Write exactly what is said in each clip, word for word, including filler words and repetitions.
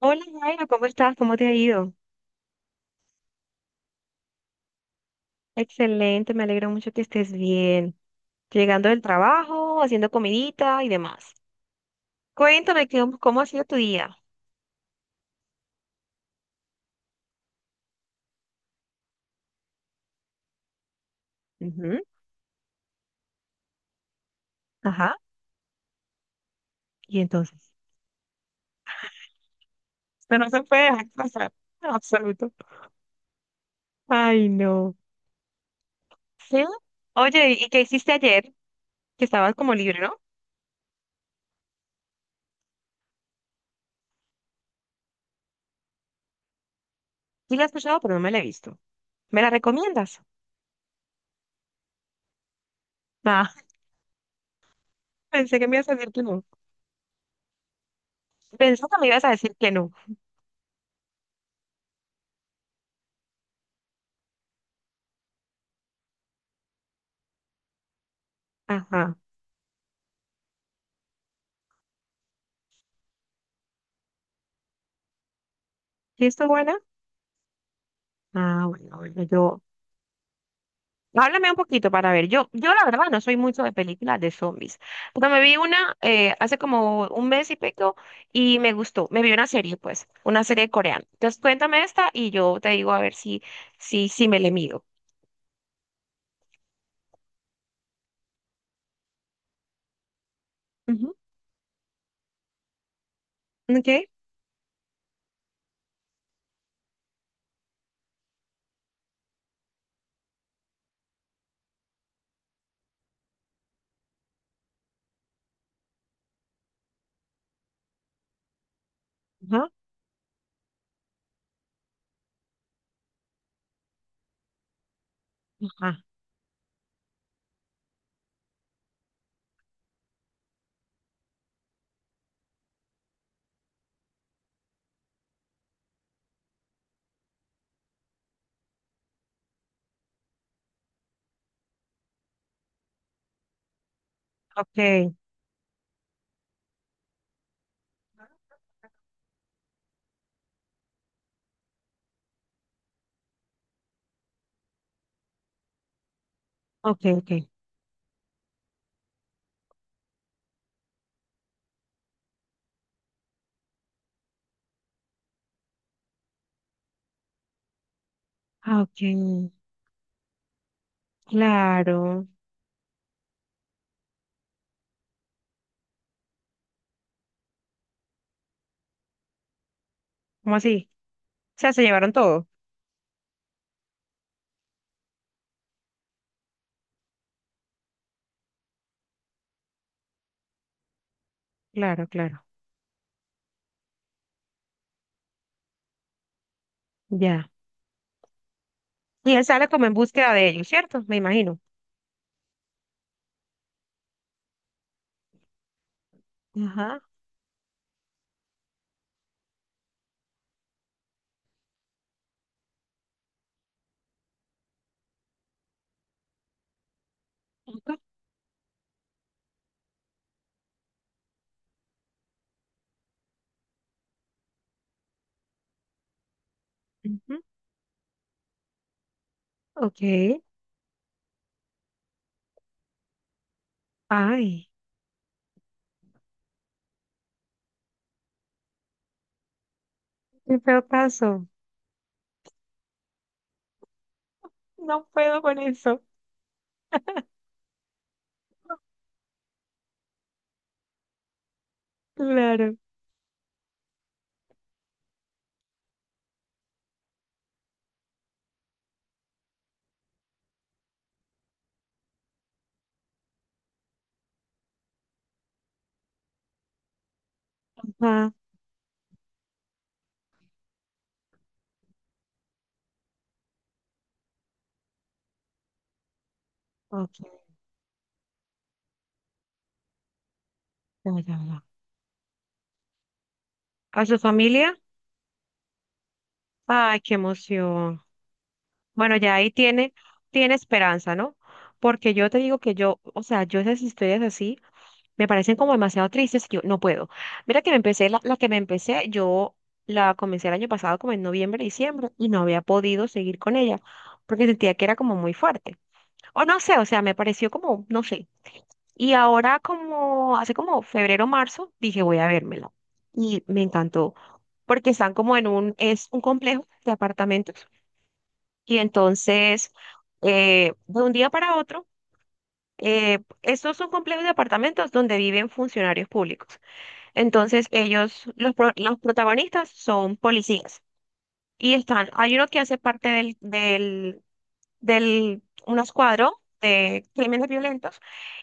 Hola Jairo, ¿cómo estás? ¿Cómo te ha ido? Excelente, me alegro mucho que estés bien. Llegando del trabajo, haciendo comidita y demás. Cuéntame qué- cómo ha sido tu día. Ujú. Ajá. Y entonces. Esto no se puede dejar pasar. En absoluto. Ay, no. ¿Sí? Oye, ¿y qué hiciste ayer? Que estabas como libre, ¿no? Sí la he escuchado, pero no me la he visto. ¿Me la recomiendas? Ah, pensé que me ibas a decir que no. Pensé que me ibas a decir que no. Ajá. ¿Y esto buena? Ah, bueno, bueno, yo. Háblame un poquito para ver. Yo, yo la verdad no soy mucho de películas de zombies, pero me vi una eh, hace como un mes y pico y me gustó. Me vi una serie, pues, una serie coreana. Entonces cuéntame esta y yo te digo a ver si, si, si me le mido. Ujú. Okay. Ajá. Ajá. Okay. Okay, okay. Ah, okay. Claro. ¿Cómo así? O sea, se llevaron todo. Claro, claro. Ya. Y él sale como en búsqueda de ellos, ¿cierto? Me imagino. Ajá. Ujú. Okay. Ay. Qué peor caso. No puedo con eso. Claro. Ah, ok. Ya, ya, ya. ¿A su familia? Ay, qué emoción. Bueno, ya ahí tiene, tiene esperanza, ¿no? Porque yo te digo que yo, o sea, yo esas historias así me parecen como demasiado tristes que yo no puedo. Mira que me empecé, la, la que me empecé, yo la comencé el año pasado como en noviembre, diciembre, y no había podido seguir con ella porque sentía que era como muy fuerte. O no sé, o sea, me pareció como, no sé. Y ahora como hace como febrero, marzo, dije voy a vérmelo. Y me encantó, porque están como en un, es un complejo de apartamentos. Y entonces, eh, de un día para otro, eh, estos son complejos de apartamentos donde viven funcionarios públicos. Entonces, ellos, los, pro- los protagonistas son policías. Y están, hay uno que hace parte del, del, del, un escuadro de crímenes violentos.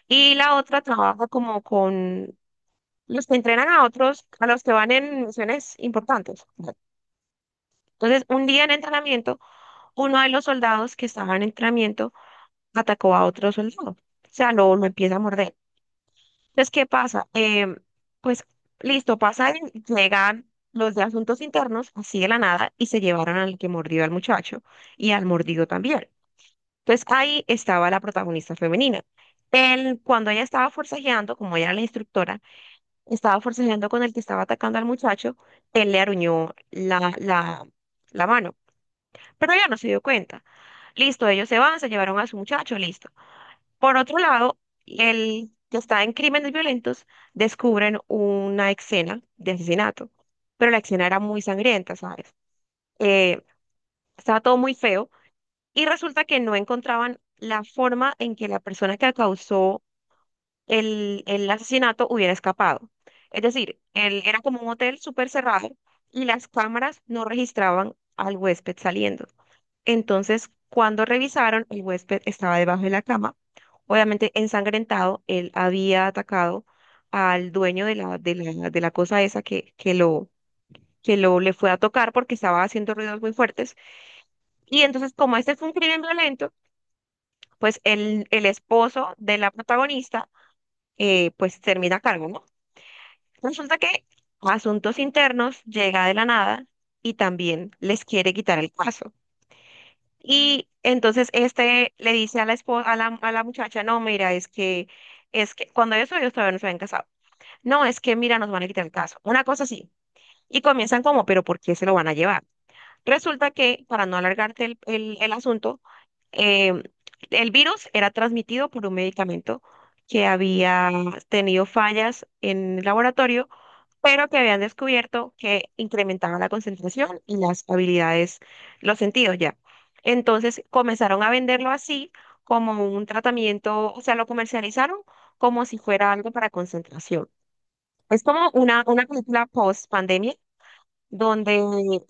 Y la otra trabaja como con los que entrenan a otros, a los que van en misiones importantes. Entonces, un día en entrenamiento, uno de los soldados que estaba en entrenamiento atacó a otro soldado. O sea, lo, lo empieza a morder. Entonces, ¿qué pasa? Em, pues, listo, pasa, llegan los de asuntos internos, así de la nada, y se llevaron al que mordió al muchacho y al mordido también. Entonces, ahí estaba la protagonista femenina. Él, cuando ella estaba forcejeando, como ella era la instructora, estaba forcejeando con el que estaba atacando al muchacho, él le aruñó la, la, la mano, pero ella no se dio cuenta. Listo, ellos se van, se llevaron a su muchacho, listo. Por otro lado, el que está en crímenes violentos descubren una escena de asesinato, pero la escena era muy sangrienta, ¿sabes? Eh, estaba todo muy feo y resulta que no encontraban la forma en que la persona que causó el, el asesinato hubiera escapado. Es decir, él era como un hotel súper cerrado y las cámaras no registraban al huésped saliendo. Entonces, cuando revisaron, el huésped estaba debajo de la cama. Obviamente, ensangrentado, él había atacado al dueño de la, de la, de la cosa esa que, que lo, que lo le fue a tocar porque estaba haciendo ruidos muy fuertes. Y entonces, como este fue un crimen violento, pues el, el esposo de la protagonista, eh, pues termina a cargo, ¿no? Resulta que Asuntos Internos llega de la nada y también les quiere quitar el caso. Y entonces este le dice a la esposa, a la, a la muchacha, no, mira, es que, es que cuando ellos, ellos todavía no se habían casado. No, es que mira, nos van a quitar el caso. Una cosa así. Y comienzan como, pero ¿por qué se lo van a llevar? Resulta que, para no alargarte el, el el asunto, eh, el virus era transmitido por un medicamento que había tenido fallas en el laboratorio, pero que habían descubierto que incrementaba la concentración y las habilidades, los sentidos ya. Entonces comenzaron a venderlo así como un tratamiento, o sea, lo comercializaron como si fuera algo para concentración. Es como una, una película post pandemia donde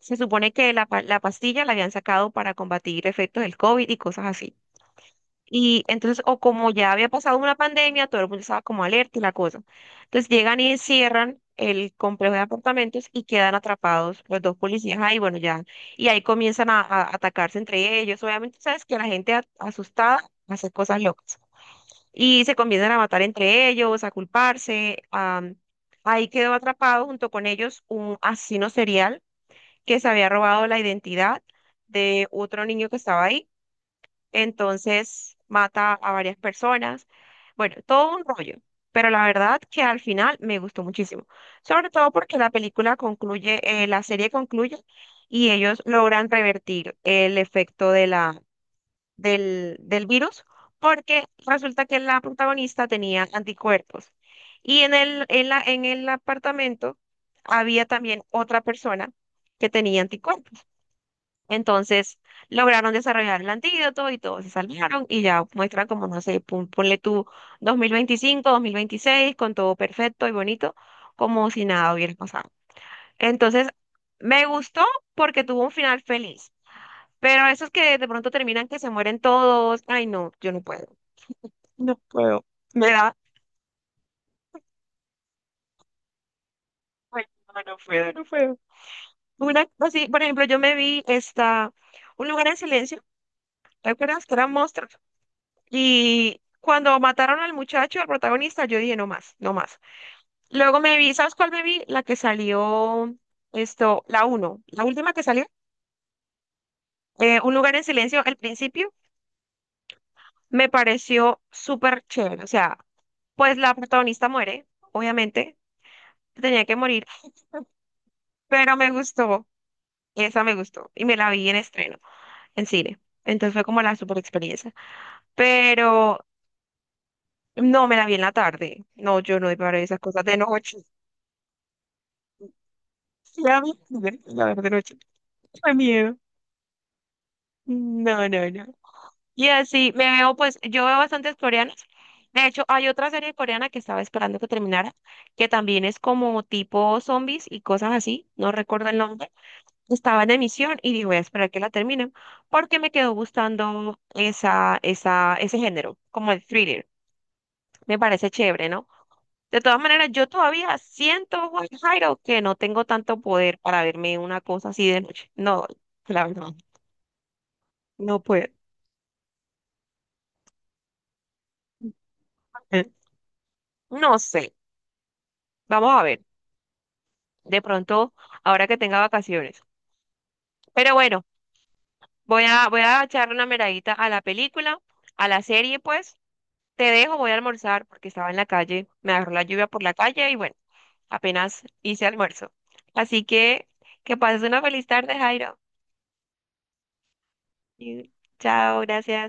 se supone que la, pa- la pastilla la habían sacado para combatir efectos del COVID y cosas así. Y entonces, o como ya había pasado una pandemia, todo el mundo estaba como alerta y la cosa. Entonces llegan y encierran el complejo de apartamentos y quedan atrapados los dos policías ahí, bueno, ya. Y ahí comienzan a, a atacarse entre ellos. Obviamente, sabes que la gente a- asustada hace cosas locas. Y se comienzan a matar entre ellos, a culparse. am, ahí quedó atrapado junto con ellos un asesino serial que se había robado la identidad de otro niño que estaba ahí, entonces mata a varias personas. Bueno, todo un rollo, pero la verdad que al final me gustó muchísimo, sobre todo porque la película concluye, eh, la serie concluye y ellos logran revertir el efecto de la, del, del virus porque resulta que la protagonista tenía anticuerpos y en el, en la, en el apartamento había también otra persona que tenía anticuerpos. Entonces lograron desarrollar el antídoto y todos se salvaron y ya muestran como, no sé, pon- ponle tú dos mil veinticinco, dos mil veintiséis, con todo perfecto y bonito, como si nada hubiera pasado. Entonces, me gustó porque tuvo un final feliz, pero esos que de pronto terminan que se mueren todos, ay no, yo no puedo, no puedo, me da, ay, no, no puedo, no puedo. Una, así, por ejemplo, yo me vi esta, Un Lugar en Silencio, ¿te acuerdas que eran monstruos? Y cuando mataron al muchacho, al protagonista, yo dije, no más, no más. Luego me vi, ¿sabes cuál me vi? La que salió, esto, la uno, la última que salió, eh, Un Lugar en Silencio, al principio, me pareció súper chévere. O sea, pues la protagonista muere, obviamente, tenía que morir, pero me gustó, esa me gustó, y me la vi en estreno, en cine. Entonces fue como la super experiencia. Pero no me la vi en la tarde. No, yo no iba a ver esas cosas de noche. La verdad, la verdad, no, chico, qué miedo. No, no, no. Y así me veo, pues, yo veo bastantes coreanas. De hecho, hay otra serie coreana que estaba esperando que terminara, que también es como tipo zombies y cosas así, no recuerdo el nombre. Estaba en emisión y dije, voy a esperar que la terminen, porque me quedó gustando esa, esa, ese género, como el thriller. Me parece chévere, ¿no? De todas maneras, yo todavía siento, Juan Jairo, que no tengo tanto poder para verme una cosa así de noche. No, la verdad. No puedo. Mm, no sé. Vamos a ver. De pronto, ahora que tenga vacaciones. Pero bueno, voy a, voy a echarle una miradita a la película, a la serie, pues. Te dejo, voy a almorzar porque estaba en la calle. Me agarró la lluvia por la calle y bueno, apenas hice almuerzo. Así que que pases una feliz tarde, Jairo. Y chao, gracias.